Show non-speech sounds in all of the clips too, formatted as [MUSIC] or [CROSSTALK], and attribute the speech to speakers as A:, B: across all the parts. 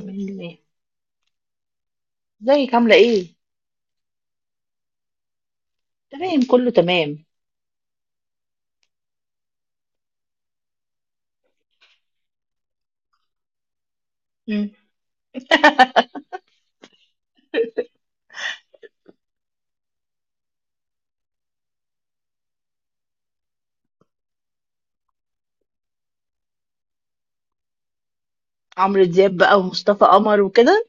A: بإذن الله. ازيك، عاملة ايه؟ تمام، كله تمام. مم. عمرو دياب بقى ومصطفى قمر وكده.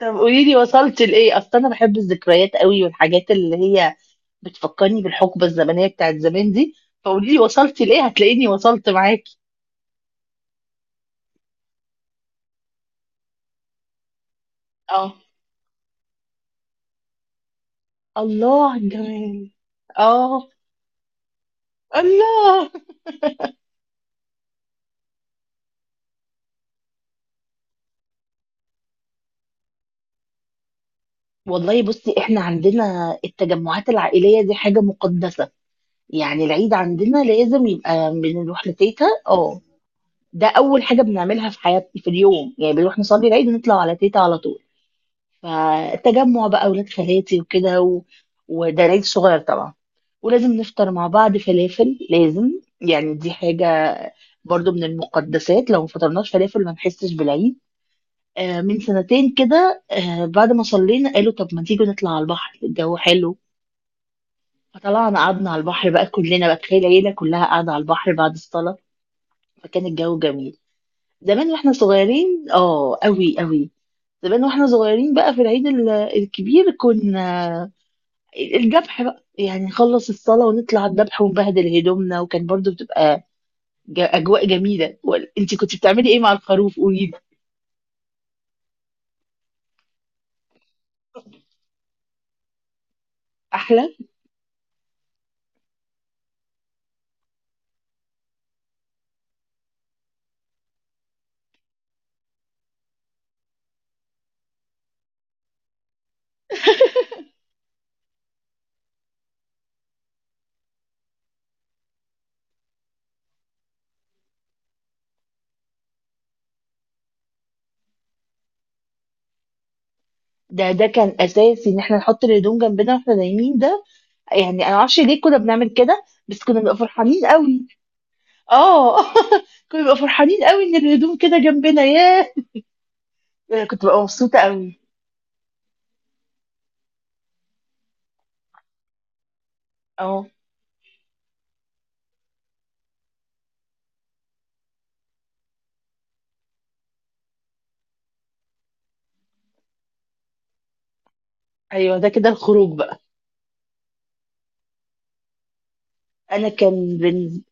A: طب قولي لي وصلت لإيه؟ أصل أنا بحب الذكريات قوي، والحاجات اللي هي بتفكرني بالحقبة الزمنية بتاعت زمان دي. فقولي لي وصلت لإيه؟ هتلاقيني وصلت معاكي. اه. الله على الجمال. اه. الله. والله بصي، احنا عندنا التجمعات العائلية دي حاجة مقدسة. يعني العيد عندنا لازم يبقى بنروح لتيتا. اه، ده اول حاجه بنعملها في حياتي في اليوم. يعني بنروح نصلي العيد ونطلع على تيتا على طول. فالتجمع بقى اولاد خالاتي وكده وده العيد صغير طبعا. ولازم نفطر مع بعض، فلافل لازم. يعني دي حاجه برضو من المقدسات، لو ما فطرناش فلافل ما نحسش بالعيد. آه، من سنتين كده، آه، بعد ما صلينا قالوا طب ما تيجوا نطلع على البحر، الجو حلو. فطلعنا قعدنا على البحر بقى، كلنا بقى تخيل العيله كلها قاعده على البحر بعد الصلاه. فكان الجو جميل. زمان واحنا صغيرين، اه، قوي قوي. زمان واحنا صغيرين بقى، في العيد الكبير كنا الذبح بقى. يعني نخلص الصلاة ونطلع الذبح ونبهدل هدومنا، وكان برضو بتبقى أجواء جميلة. انت كنت بتعملي ايه مع الخروف، قولي لي؟ أحلى. [LAUGHS] ده كان أساسي إن احنا نحط الهدوم جنبنا واحنا نايمين ده. يعني أنا معرفش ليه كنا بنعمل كده، بس كنا بنبقى فرحانين قوي. اه. [LAUGHS] كنا بنبقى فرحانين قوي إن الهدوم كده جنبنا. ياه، كنت ببقى مبسوطة قوي. اه. ايوه، ده كده الخروج بقى. انا كان بن...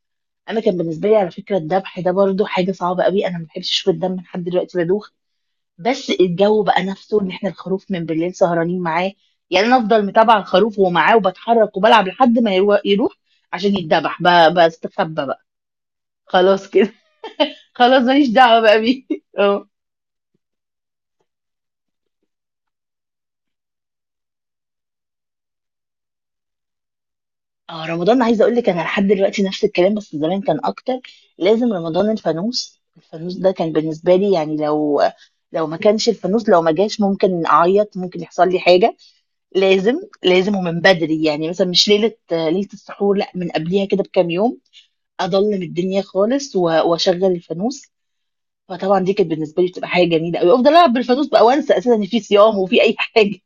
A: انا كان بالنسبه لي على فكره الذبح ده برضو حاجه صعبه قوي. انا ما بحبش اشوف الدم، لحد دلوقتي بدوخ. بس الجو بقى نفسه، ان احنا الخروف من بالليل سهرانين معاه. يعني انا افضل متابعه الخروف ومعاه، وبتحرك وبلعب لحد ما يروح عشان يتذبح. بستخبى بقى، خلاص كده. [LAUGHS] خلاص ماليش دعوه بقى بيه. [LAUGHS] اه. اه، رمضان عايزه اقول لك، انا لحد دلوقتي نفس الكلام بس زمان كان اكتر. لازم رمضان الفانوس. الفانوس ده كان بالنسبه لي يعني، لو ما كانش الفانوس، لو ما جاش ممكن اعيط، ممكن يحصل لي حاجه. لازم. لازم ومن بدري. يعني مثلا مش ليله ليله السحور، لا من قبليها كده بكام يوم اضلم الدنيا خالص واشغل الفانوس. فطبعا دي كانت بالنسبه لي بتبقى حاجه جميله قوي، افضل العب بالفانوس بقى وانسى اساسا ان في صيام وفي اي حاجه.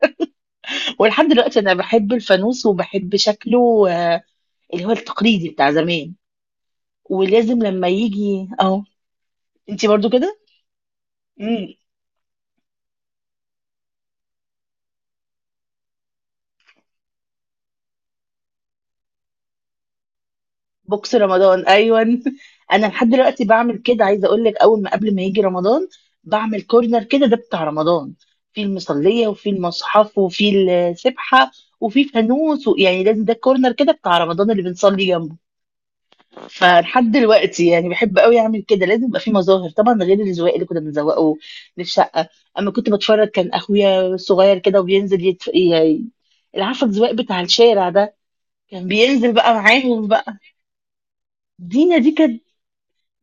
A: [LAUGHS] ولحد دلوقتي انا بحب الفانوس وبحب شكله. اللي هو التقليدي بتاع زمان. ولازم لما يجي اهو. انتي برضو كده. امم. بوكس رمضان، ايوه. [LAUGHS] انا لحد دلوقتي بعمل كده، عايزه اقول لك اول ما قبل ما يجي رمضان بعمل كورنر كده، ده بتاع رمضان. في المصليه وفي المصحف وفي السبحه وفي فانوس يعني لازم ده كورنر كده بتاع رمضان اللي بنصلي جنبه. فلحد دلوقتي يعني بحب قوي اعمل كده، لازم يبقى في مظاهر طبعا غير الزواق اللي كنا بنزوقه للشقه. اما كنت بتفرج، كان اخويا صغير كده وبينزل اللي عارفه الزواق بتاع الشارع ده، كان بينزل بقى معاهم بقى. دينا دي كانت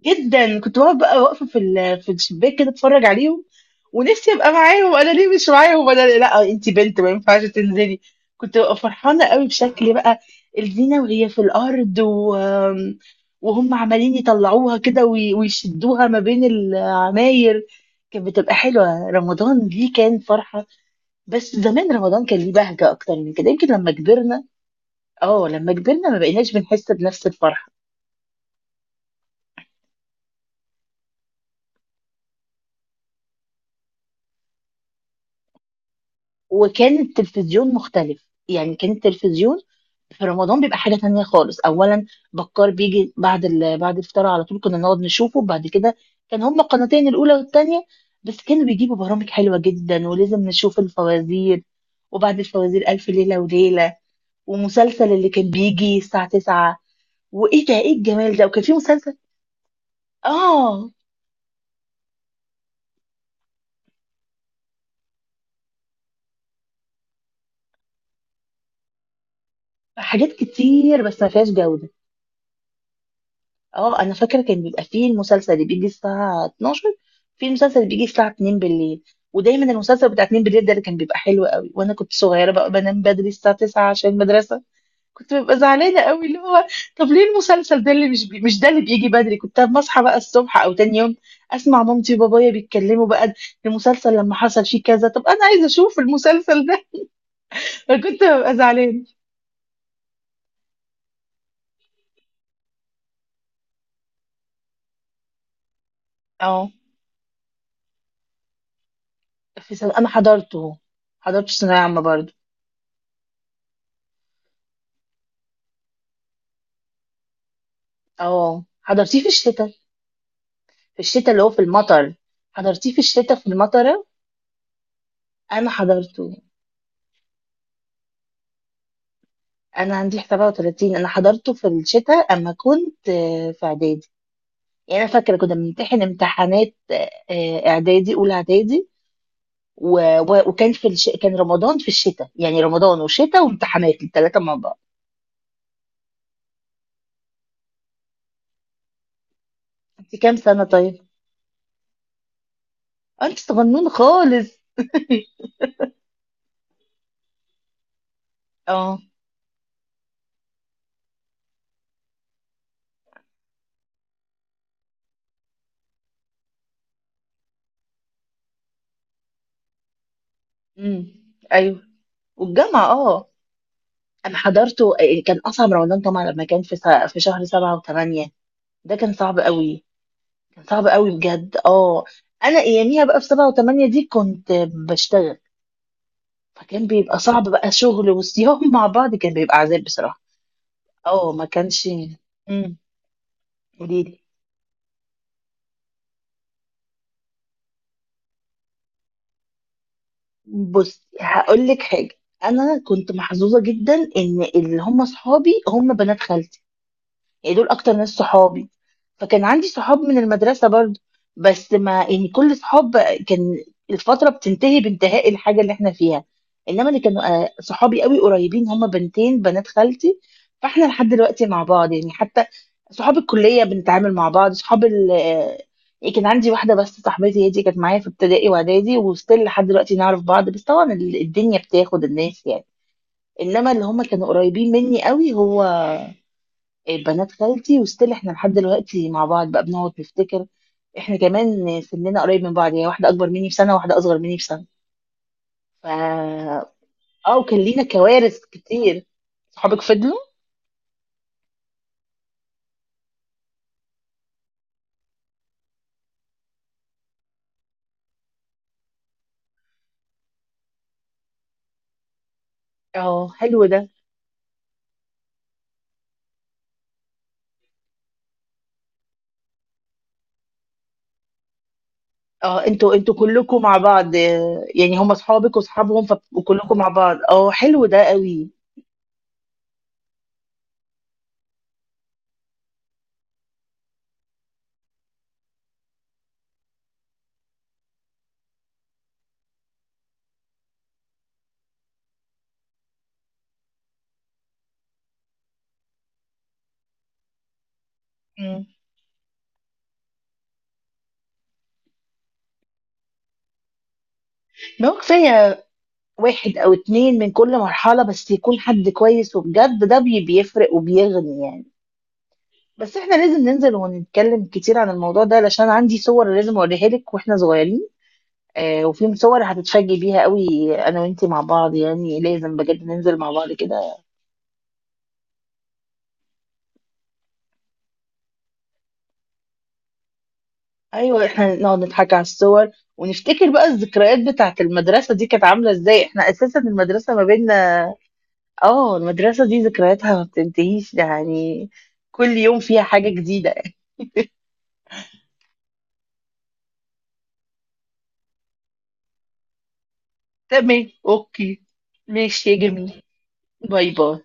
A: جدا. كنت واقفه بقى واقفه في في الشباك كده اتفرج عليهم، ونفسي ابقى معاهم. انا ليه مش معاهم، لا انت بنت ما ينفعش تنزلي. كنت ببقى فرحانه قوي بشكل بقى، الزينه وهي في الارض وهم عمالين يطلعوها كده ويشدوها ما بين العماير. كانت بتبقى حلوه. رمضان دي كان فرحه، بس زمان رمضان كان ليه بهجه اكتر من كده، يمكن لما كبرنا. اه، لما كبرنا ما بقيناش بنحس بنفس الفرحه. وكان التلفزيون مختلف، يعني كان التلفزيون في رمضان بيبقى حاجة تانية خالص. أولا بكار بيجي بعد بعد الفطار على طول كنا نقعد نشوفه. بعد كده كان هما قناتين، الأولى والتانية، بس كانوا بيجيبوا برامج حلوة جدا. ولازم نشوف الفوازير، وبعد الفوازير ألف ليلة وليلة، ومسلسل اللي كان بيجي الساعة 9. وإيه ده، إيه الجمال ده! وكان في مسلسل. آه. حاجات كتير بس ما فيهاش جودة. اه، انا فاكره كان بيبقى فيه المسلسل اللي بيجي الساعه 12، في المسلسل اللي بيجي الساعه 2 بالليل. ودايما المسلسل بتاع 2 بالليل ده اللي كان بيبقى حلو قوي، وانا كنت صغيره بقى بنام بدري الساعه 9 عشان المدرسه. كنت ببقى زعلانه قوي، اللي هو طب ليه المسلسل ده اللي مش ده اللي بيجي بدري. كنت أما اصحى بقى الصبح او تاني يوم اسمع مامتي وبابايا بيتكلموا بقى المسلسل لما حصل فيه كذا، طب انا عايزه اشوف المسلسل ده. [LAUGHS] فكنت ببقى زعلانه. اه، انا حضرته. حضرت ثانويه عامه برضه. اه، حضرتيه في الشتاء. في الشتاء اللي هو في المطر. حضرتيه في الشتاء في المطرة. أنا حضرته. أنا عندي 37. أنا حضرته في الشتاء، أما كنت في إعدادي. يعني أنا فاكرة كنا بنمتحن امتحانات إعدادي، أولى إعدادي. كان رمضان في الشتاء. يعني رمضان وشتاء وامتحانات الثلاثة مع بعض. أنت كام سنة طيب؟ أنت صغنون خالص. أه. امم. أيوه. والجامعة أه. أنا حضرته، كان أصعب رمضان طبعا لما كان في شهر سبعة وثمانية. ده كان صعب قوي. كان صعب قوي بجد، اه. انا اياميها بقى في سبعة وثمانية دي كنت بشتغل. فكان بيبقى صعب بقى، شغل وصيام مع بعض كان بيبقى عذاب بصراحة. اه، ما كانش. امم. قولي لي. بص هقول لك حاجة. انا كنت محظوظة جدا ان اللي هم صحابي هم بنات خالتي، يعني دول اكتر ناس صحابي. فكان عندي صحاب من المدرسة برضو، بس ما يعني كل صحاب كان الفترة بتنتهي بانتهاء الحاجة اللي احنا فيها. انما اللي كانوا صحابي قوي قريبين هما بنتين بنات خالتي. فاحنا لحد دلوقتي مع بعض، يعني حتى صحاب الكلية بنتعامل مع بعض. صحاب ال آه، يعني كان عندي واحدة بس صاحبتي هي دي، كانت معايا في ابتدائي واعدادي وستيل لحد دلوقتي نعرف بعض، بس طبعا الدنيا بتاخد الناس يعني. انما اللي هما كانوا قريبين مني قوي هو بنات خالتي، وستيل احنا لحد دلوقتي مع بعض بقى بنقعد نفتكر. احنا كمان سننا قريب من بعض، يعني واحده اكبر مني بسنه وواحده اصغر مني بسنه. ف اه، وكان لينا كوارث كتير. صحابك فضلوا. اه، حلو ده. اه، انتوا كلكم مع بعض. يعني هم اصحابك واصحابهم وكلكم مع بعض. اه، حلو ده قوي. مم. ما هو كفايه واحد او اتنين من كل مرحله، بس يكون حد كويس وبجد ده بيفرق وبيغني يعني. بس احنا لازم ننزل ونتكلم كتير عن الموضوع ده، علشان عندي صور لازم اوريها لك واحنا صغيرين. آه، وفي صور هتتفاجئي بيها قوي. انا وانتي مع بعض يعني لازم بجد ننزل مع بعض كده. ايوه، احنا نقعد نضحك على الصور، ونفتكر بقى الذكريات بتاعه المدرسة دي كانت عاملة ازاي. احنا اساسا المدرسة ما بيننا. اه، المدرسة دي ذكرياتها ما بتنتهيش يعني، كل يوم فيها حاجة جديدة. تمام، اوكي. ماشي يا جميل. باي باي.